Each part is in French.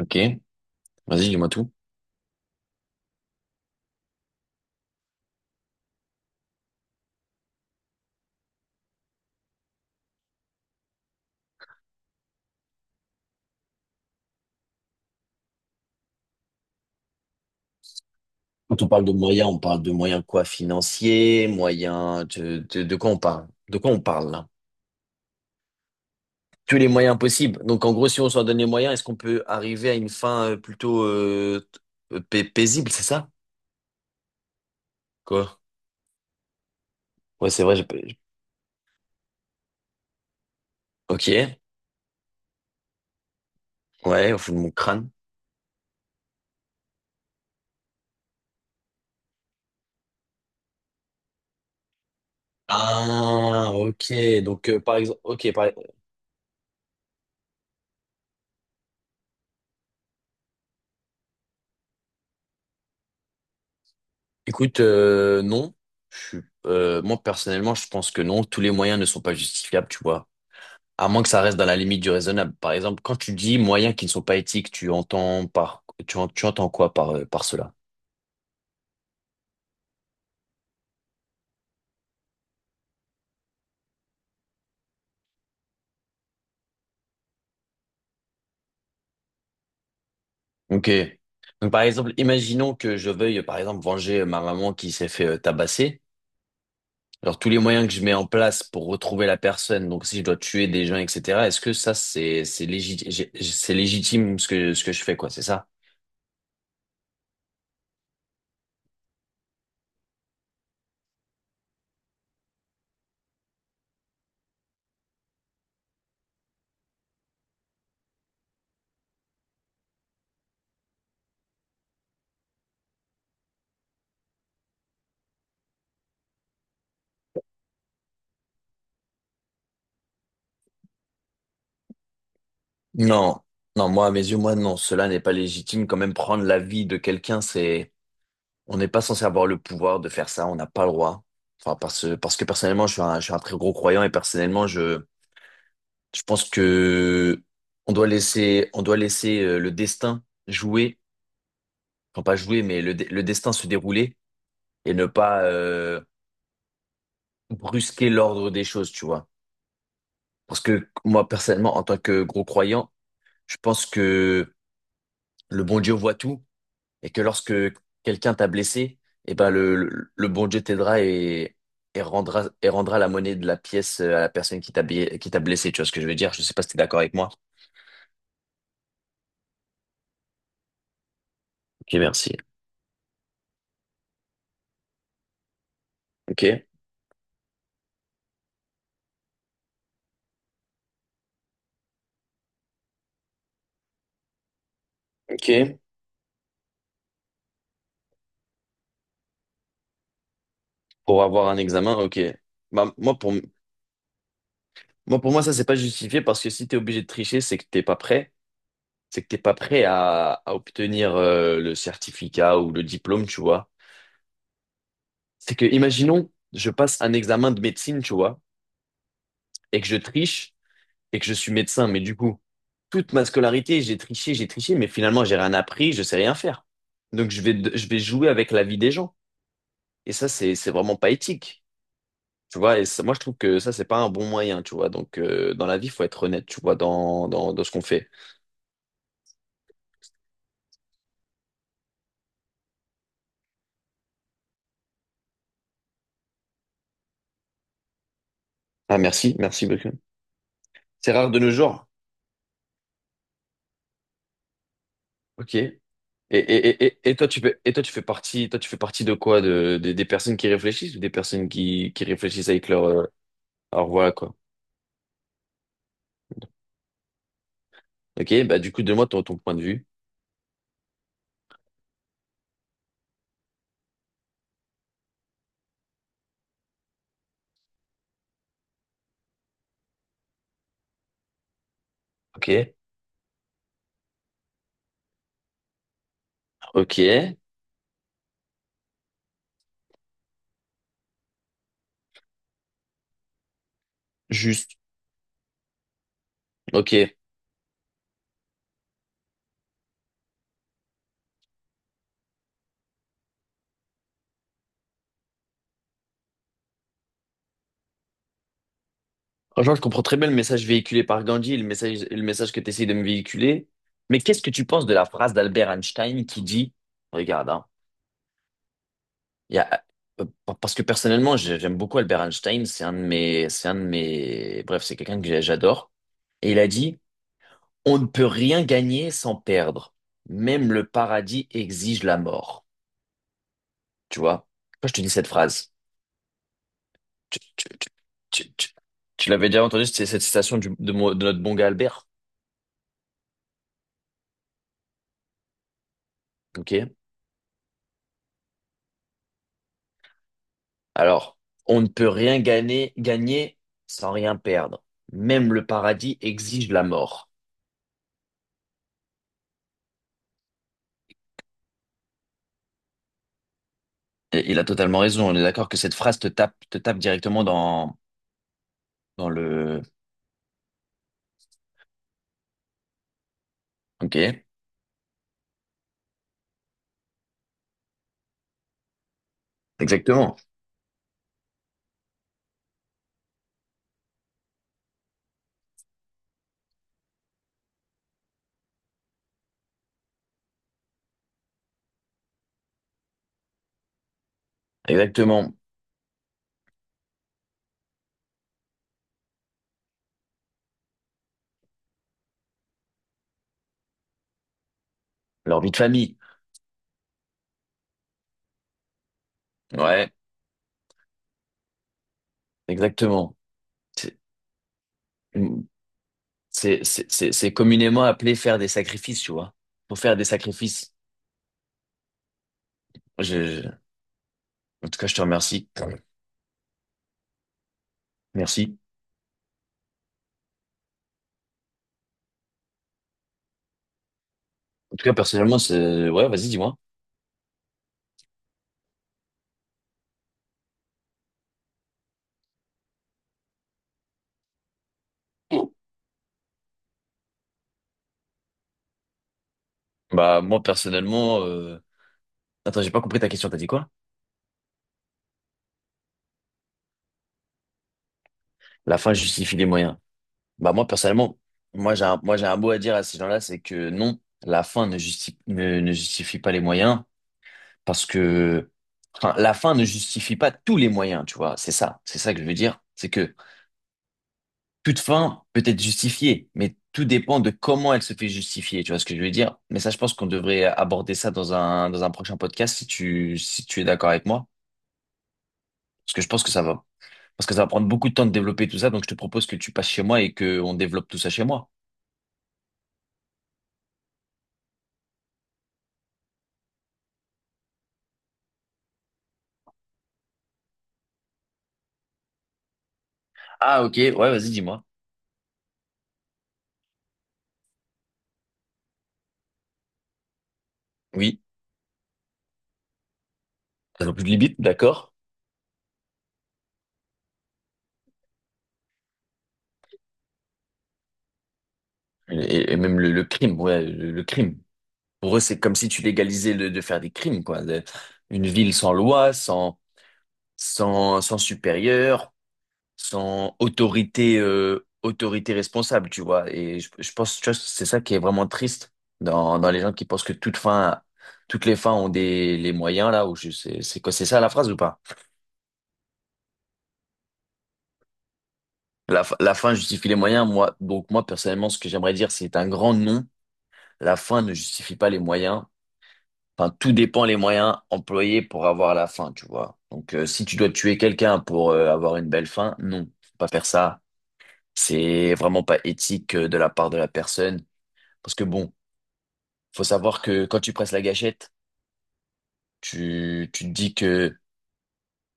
Ok, vas-y, dis-moi tout. Quand on parle de moyens, on parle de moyens quoi? Financiers, moyens de quoi on parle? De quoi on parle là? Tous les moyens possibles. Donc en gros, si on s'en donne les moyens, est-ce qu'on peut arriver à une fin plutôt paisible, c'est ça? Quoi? Ouais, c'est vrai. J'ai pas- j'ai- Ok. Ouais, au fond de mon crâne. Ah, ok. Donc par exemple, ok. Écoute, non. Je suis, Moi personnellement, je pense que non. Tous les moyens ne sont pas justifiables, tu vois. À moins que ça reste dans la limite du raisonnable. Par exemple, quand tu dis moyens qui ne sont pas éthiques, tu entends tu entends quoi par, par cela? Ok. Donc, par exemple, imaginons que je veuille, par exemple, venger ma maman qui s'est fait tabasser. Genre tous les moyens que je mets en place pour retrouver la personne, donc si je dois tuer des gens, etc., est-ce que ça, c'est légitime ce que je fais, quoi, c'est ça? Non, non, moi, à mes yeux, moi, non, cela n'est pas légitime. Quand même, prendre la vie de quelqu'un, c'est, on n'est pas censé avoir le pouvoir de faire ça, on n'a pas le droit. Enfin, parce, parce que personnellement, je suis un très gros croyant et personnellement, je pense que on doit laisser le destin jouer, enfin pas jouer, mais le destin se dérouler et ne pas brusquer l'ordre des choses, tu vois. Parce que moi, personnellement, en tant que gros croyant, je pense que le bon Dieu voit tout et que lorsque quelqu'un t'a blessé, eh ben le bon Dieu t'aidera et, et rendra la monnaie de la pièce à la personne qui qui t'a blessé. Tu vois ce que je veux dire? Je sais pas si t'es d'accord avec moi. Ok, merci. Ok, ok. Pour avoir un examen, ok. Bah, moi, pour, moi, pour moi, ça, c'est pas justifié parce que si t'es obligé de tricher, c'est que t'es pas prêt. C'est que t'es pas prêt à obtenir le certificat ou le diplôme, tu vois. C'est que, imaginons, je passe un examen de médecine, tu vois, et que je triche. Et que je suis médecin, mais du coup, toute ma scolarité, j'ai triché, mais finalement, j'ai rien appris, je sais rien faire. Donc, je vais jouer avec la vie des gens. Et ça, c'est vraiment pas éthique. Tu vois, moi, je trouve que ça, c'est pas un bon moyen, tu vois. Donc, dans la vie, faut être honnête, tu vois, dans ce qu'on fait. Ah, merci, merci beaucoup. C'est rare de nos jours. Ok. Et, et toi, tu fais, et toi, tu fais partie, toi, tu fais partie de quoi? De, des personnes qui réfléchissent ou des personnes qui réfléchissent avec leur, leur voilà, quoi. Ok, bah du coup, donne-moi ton, ton point de vue. Ok. Ok. Juste. Ok. Franchement, je comprends très bien le message véhiculé par Gandhi, le message que tu essayes de me véhiculer. Mais qu'est-ce que tu penses de la phrase d'Albert Einstein qui dit, regarde, hein, Il y a- euh, parce que personnellement, j'aime beaucoup Albert Einstein. C'est un de mes, bref, c'est quelqu'un que j'adore. Et il a dit, on ne peut rien gagner sans perdre. Même le paradis exige la mort. Tu vois? Quand je te dis cette phrase, tu, tu- tu- tu- tu- tu l'avais déjà entendu, c'est cette citation de notre bon gars Albert. Ok? Alors, on ne peut rien gagner sans rien perdre. Même le paradis exige la mort. Et il a totalement raison. On est d'accord que cette phrase te tape directement dans, dans le. Ok. Exactement. Exactement. Leur vie de famille. Ouais. Exactement. C'est, c'est communément appelé faire des sacrifices, tu vois. Faut faire des sacrifices. Je, je- En tout cas, je te remercie. Merci. En tout cas, personnellement, c'est, ouais, vas-y, dis-moi. Bah, moi, personnellement, attends, j'ai pas compris ta question. T'as dit quoi? La fin justifie les moyens. Bah moi personnellement, moi j'ai un mot à dire à ces gens-là, c'est que non, la fin ne justifie, ne, ne justifie pas les moyens, parce que enfin, la fin ne justifie pas tous les moyens, tu vois. C'est ça que je veux dire. C'est que toute fin peut être justifiée, mais tout dépend de comment elle se fait justifier, tu vois ce que je veux dire. Mais ça, je pense qu'on devrait aborder ça dans un prochain podcast si tu, si tu es d'accord avec moi, parce que je pense que ça va, parce que ça va prendre beaucoup de temps de développer tout ça, donc je te propose que tu passes chez moi et que on développe tout ça chez moi. Ah ok, ouais, vas-y, dis-moi. Oui. Ça n'a plus de limite, d'accord? Et même le crime, ouais, le crime. Pour eux, c'est comme si tu légalisais le, de faire des crimes, quoi. De une ville sans loi, sans supérieur, sans autorité, autorité responsable, tu vois. Et je pense, tu vois, c'est ça qui est vraiment triste dans, dans les gens qui pensent que toute fin, toutes les fins ont des, les moyens, là, ou je sais, c'est quoi, c'est ça la phrase ou pas? La fin justifie les moyens, moi. Donc, moi, personnellement, ce que j'aimerais dire, c'est un grand non. La fin ne justifie pas les moyens. Enfin, tout dépend les moyens employés pour avoir la fin, tu vois. Donc, si tu dois tuer quelqu'un pour avoir une belle fin, non, faut pas faire ça. C'est vraiment pas éthique de la part de la personne. Parce que bon, faut savoir que quand tu presses la gâchette, tu te dis que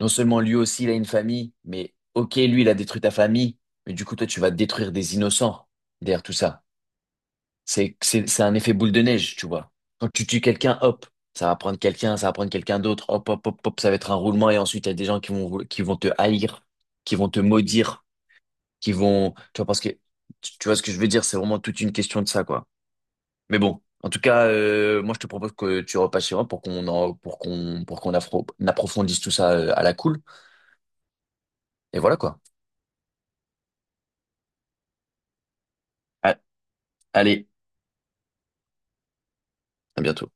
non seulement lui aussi, il a une famille, mais ok, lui, il a détruit ta famille, mais du coup, toi, tu vas détruire des innocents derrière tout ça. C'est un effet boule de neige, tu vois. Quand tu tues quelqu'un, hop, ça va prendre quelqu'un, ça va prendre quelqu'un d'autre, hop, hop, hop, hop, ça va être un roulement et ensuite il y a des gens qui vont te haïr, qui vont te maudire, qui vont, tu vois, parce que, tu vois ce que je veux dire, c'est vraiment toute une question de ça, quoi. Mais bon, en tout cas, moi je te propose que tu repasses chez moi pour pour qu'on, pour approfondisse tout ça à la cool. Et voilà, quoi. Ah, allez, à bientôt.